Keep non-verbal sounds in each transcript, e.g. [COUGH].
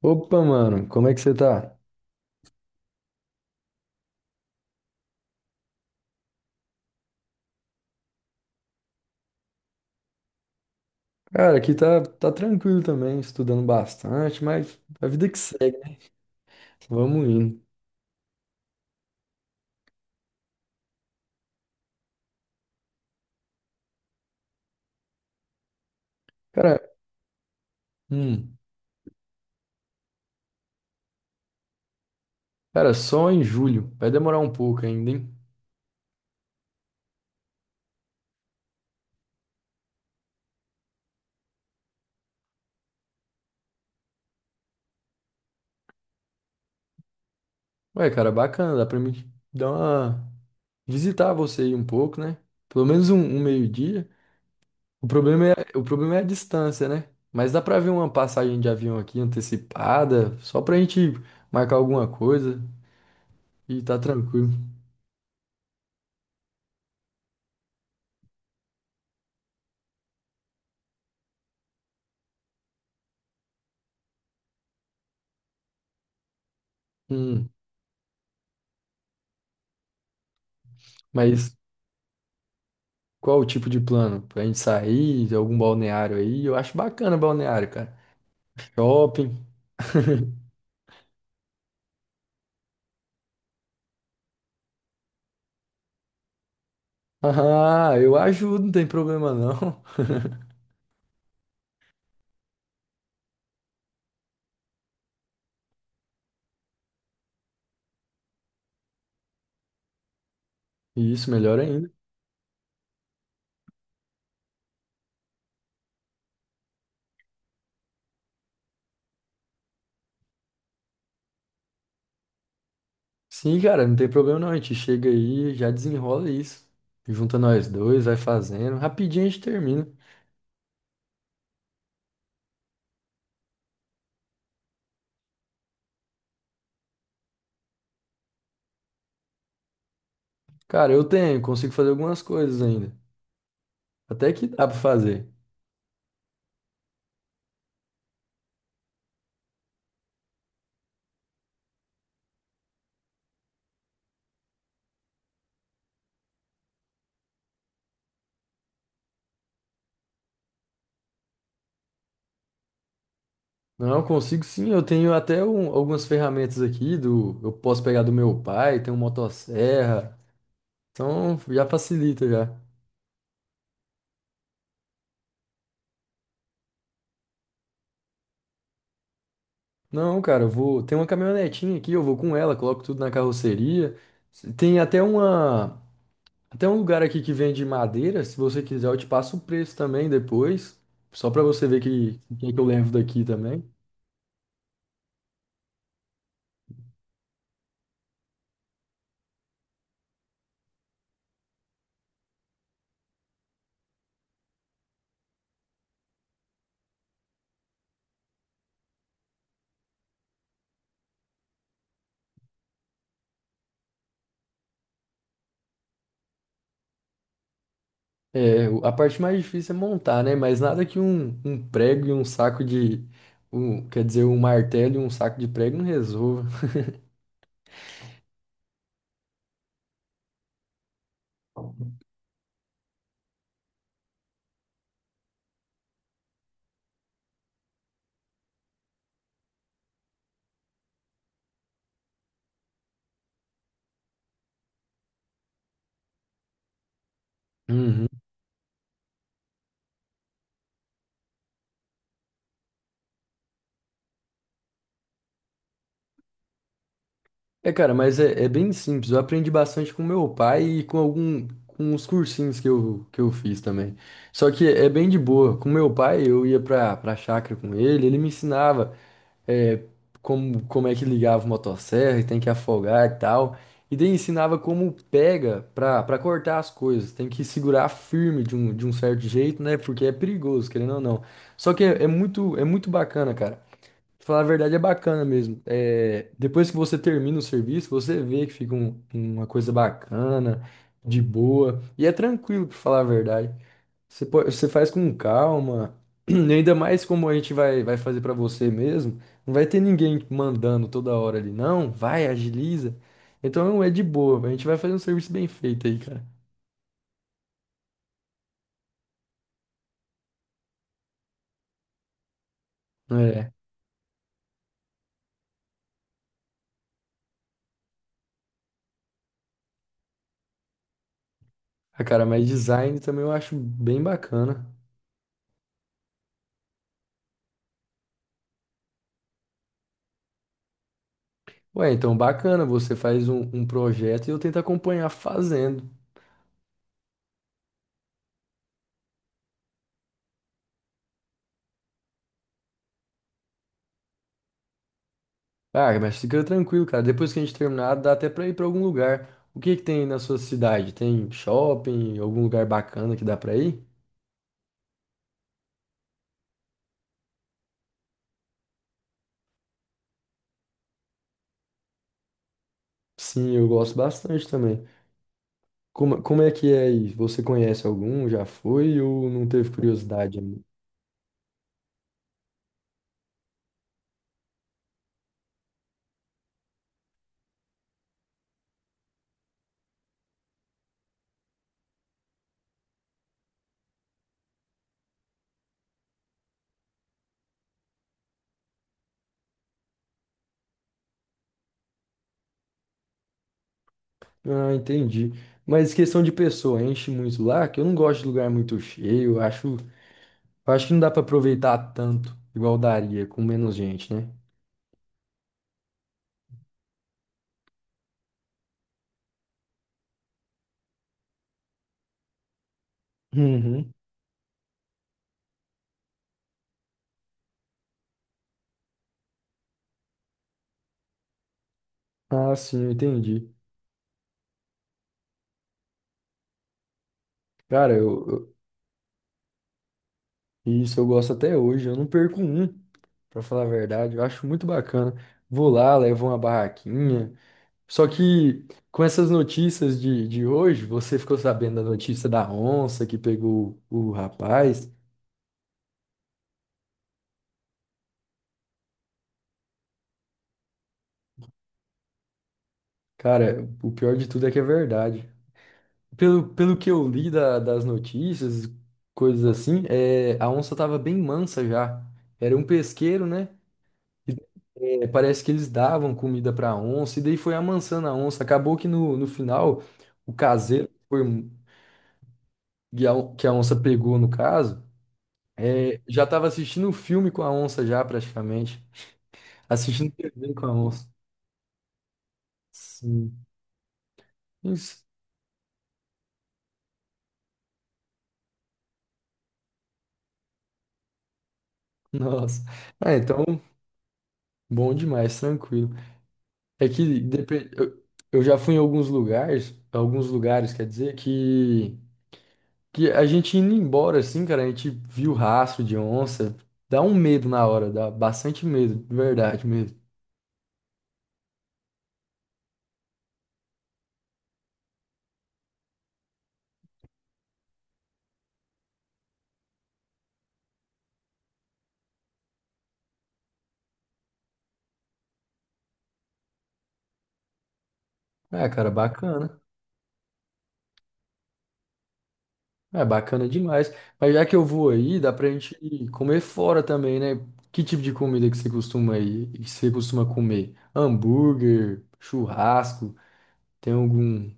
Opa, mano, como é que você tá? Cara, aqui tá tranquilo também, estudando bastante, mas a vida que segue, né? Vamos indo. Cara, hum, cara, só em julho, vai demorar um pouco ainda, hein? Ué, cara, bacana, dá pra mim dar uma... visitar você aí um pouco, né? Pelo menos um meio-dia. O problema é a distância, né? Mas dá pra ver uma passagem de avião aqui antecipada, só pra gente marcar alguma coisa e tá tranquilo. Hum, mas... Qual o tipo de plano? Pra gente sair, algum balneário aí? Eu acho bacana balneário, cara. Shopping. [LAUGHS] Ah, eu ajudo, não tem problema não. [LAUGHS] Isso, melhor ainda. Sim, cara, não tem problema não. A gente chega aí, já desenrola isso. Junta nós dois, vai fazendo. Rapidinho a gente termina. Cara, consigo fazer algumas coisas ainda. Até que dá pra fazer. Não, eu consigo sim. Eu tenho até um- Algumas ferramentas aqui do, eu posso pegar do meu pai, tem um motosserra. Então já facilita já. Não, cara, eu vou. Tem uma caminhonetinha aqui, eu vou com ela, coloco tudo na carroceria. Tem até uma. Até um lugar aqui que vende madeira. Se você quiser, eu te passo o preço também depois. Só pra você ver o que é que eu levo daqui também. É, a parte mais difícil é montar, né? Mas nada que um prego e um saco de quer dizer, um martelo e um saco de prego não resolva. Uhum. Cara, mas é bem simples. Eu aprendi bastante com meu pai e com algum, com os cursinhos que eu fiz também. Só que é bem de boa. Com meu pai, eu ia pra chácara com ele, ele me ensinava é, como, como é que ligava o motosserra e tem que afogar e tal. E daí ensinava como pega pra cortar as coisas. Tem que segurar firme de de um certo jeito, né? Porque é perigoso, querendo ou não. Só que é muito bacana, cara. Falar a verdade é bacana mesmo. É, depois que você termina o serviço, você vê que fica uma coisa bacana, de boa, e é tranquilo, pra falar a verdade. Você faz com calma, [CLEARS THROAT] e ainda mais como a gente vai fazer pra você mesmo. Não vai ter ninguém mandando toda hora ali, não, vai, agiliza. Então é de boa, a gente vai fazer um serviço bem feito aí, cara. É, ah, cara, mas design também eu acho bem bacana. Ué, então bacana, você faz um projeto e eu tento acompanhar fazendo. Ah, mas fica tranquilo, cara. Depois que a gente terminar, dá até pra ir pra algum lugar. O que que tem na sua cidade? Tem shopping, algum lugar bacana que dá pra ir? Sim, eu gosto bastante também. Como é que é aí? Você conhece algum? Já foi ou não teve curiosidade ainda? Ah, entendi. Mas questão de pessoa, enche muito lá, que eu não gosto de lugar muito cheio. Eu acho que não dá pra aproveitar tanto, igual daria, com menos gente, né? Uhum. Ah, sim, eu entendi. Cara, eu E isso eu gosto até hoje. Eu não perco um, Pra falar a verdade, eu acho muito bacana. Vou lá, levo uma barraquinha. Só que com essas notícias de hoje, você ficou sabendo da notícia da onça que pegou o rapaz. Cara, o pior de tudo é que é verdade. Pelo que eu li das notícias, coisas assim, é, a onça tava bem mansa já. Era um pesqueiro, né? E, é, parece que eles davam comida para onça, e daí foi amansando a onça. Acabou que no final, o caseiro que foi- um, que a on- que a onça pegou, no caso, é, já estava assistindo um filme com a onça, já praticamente. Assistindo TV com a onça. Sim. Isso. Nossa. Ah, então, bom demais, tranquilo. É que depe- eu, eu já fui em alguns lugares, quer dizer, que. Que a gente indo embora, assim, cara, a gente viu rastro de onça. Dá um medo na hora, dá bastante medo, de verdade mesmo. É, cara, bacana. É bacana demais. Mas já que eu vou aí, dá pra gente ir comer fora também, né? Que tipo de comida que você costuma aí, que você costuma comer? Hambúrguer, churrasco, tem algum.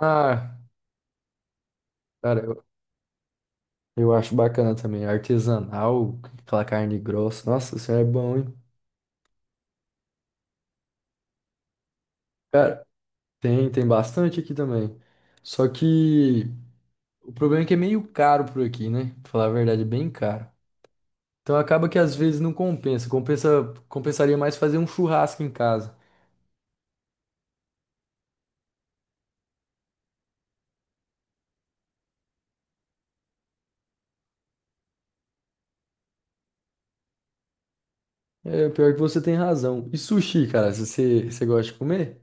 Ah, cara, eu acho bacana também. Artesanal, aquela carne grossa. Nossa, isso é bom, hein? Cara, tem bastante aqui também. Só que. O problema é que é meio caro por aqui, né? Pra falar a verdade, é bem caro. Então acaba que às vezes não compensa. Compensaria mais fazer um churrasco em casa. É, pior que você tem razão. E sushi, cara, se você, você gosta de comer?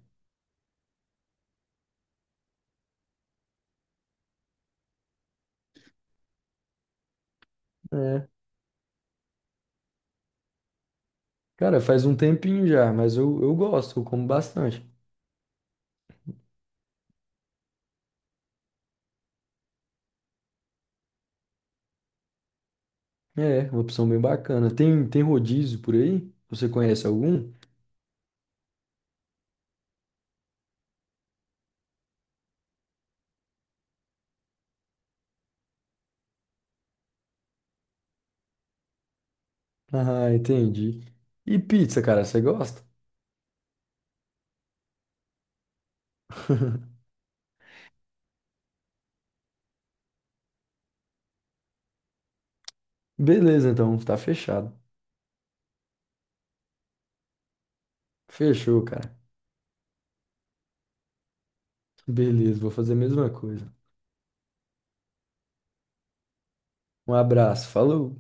É. Cara, faz um tempinho já, mas eu gosto, eu como bastante. É, uma opção bem bacana. Tem rodízio por aí? Você conhece algum? Ah, entendi. E pizza, cara, você gosta? [LAUGHS] Beleza, então, tá fechado. Fechou, cara. Beleza, vou fazer a mesma coisa. Um abraço, falou!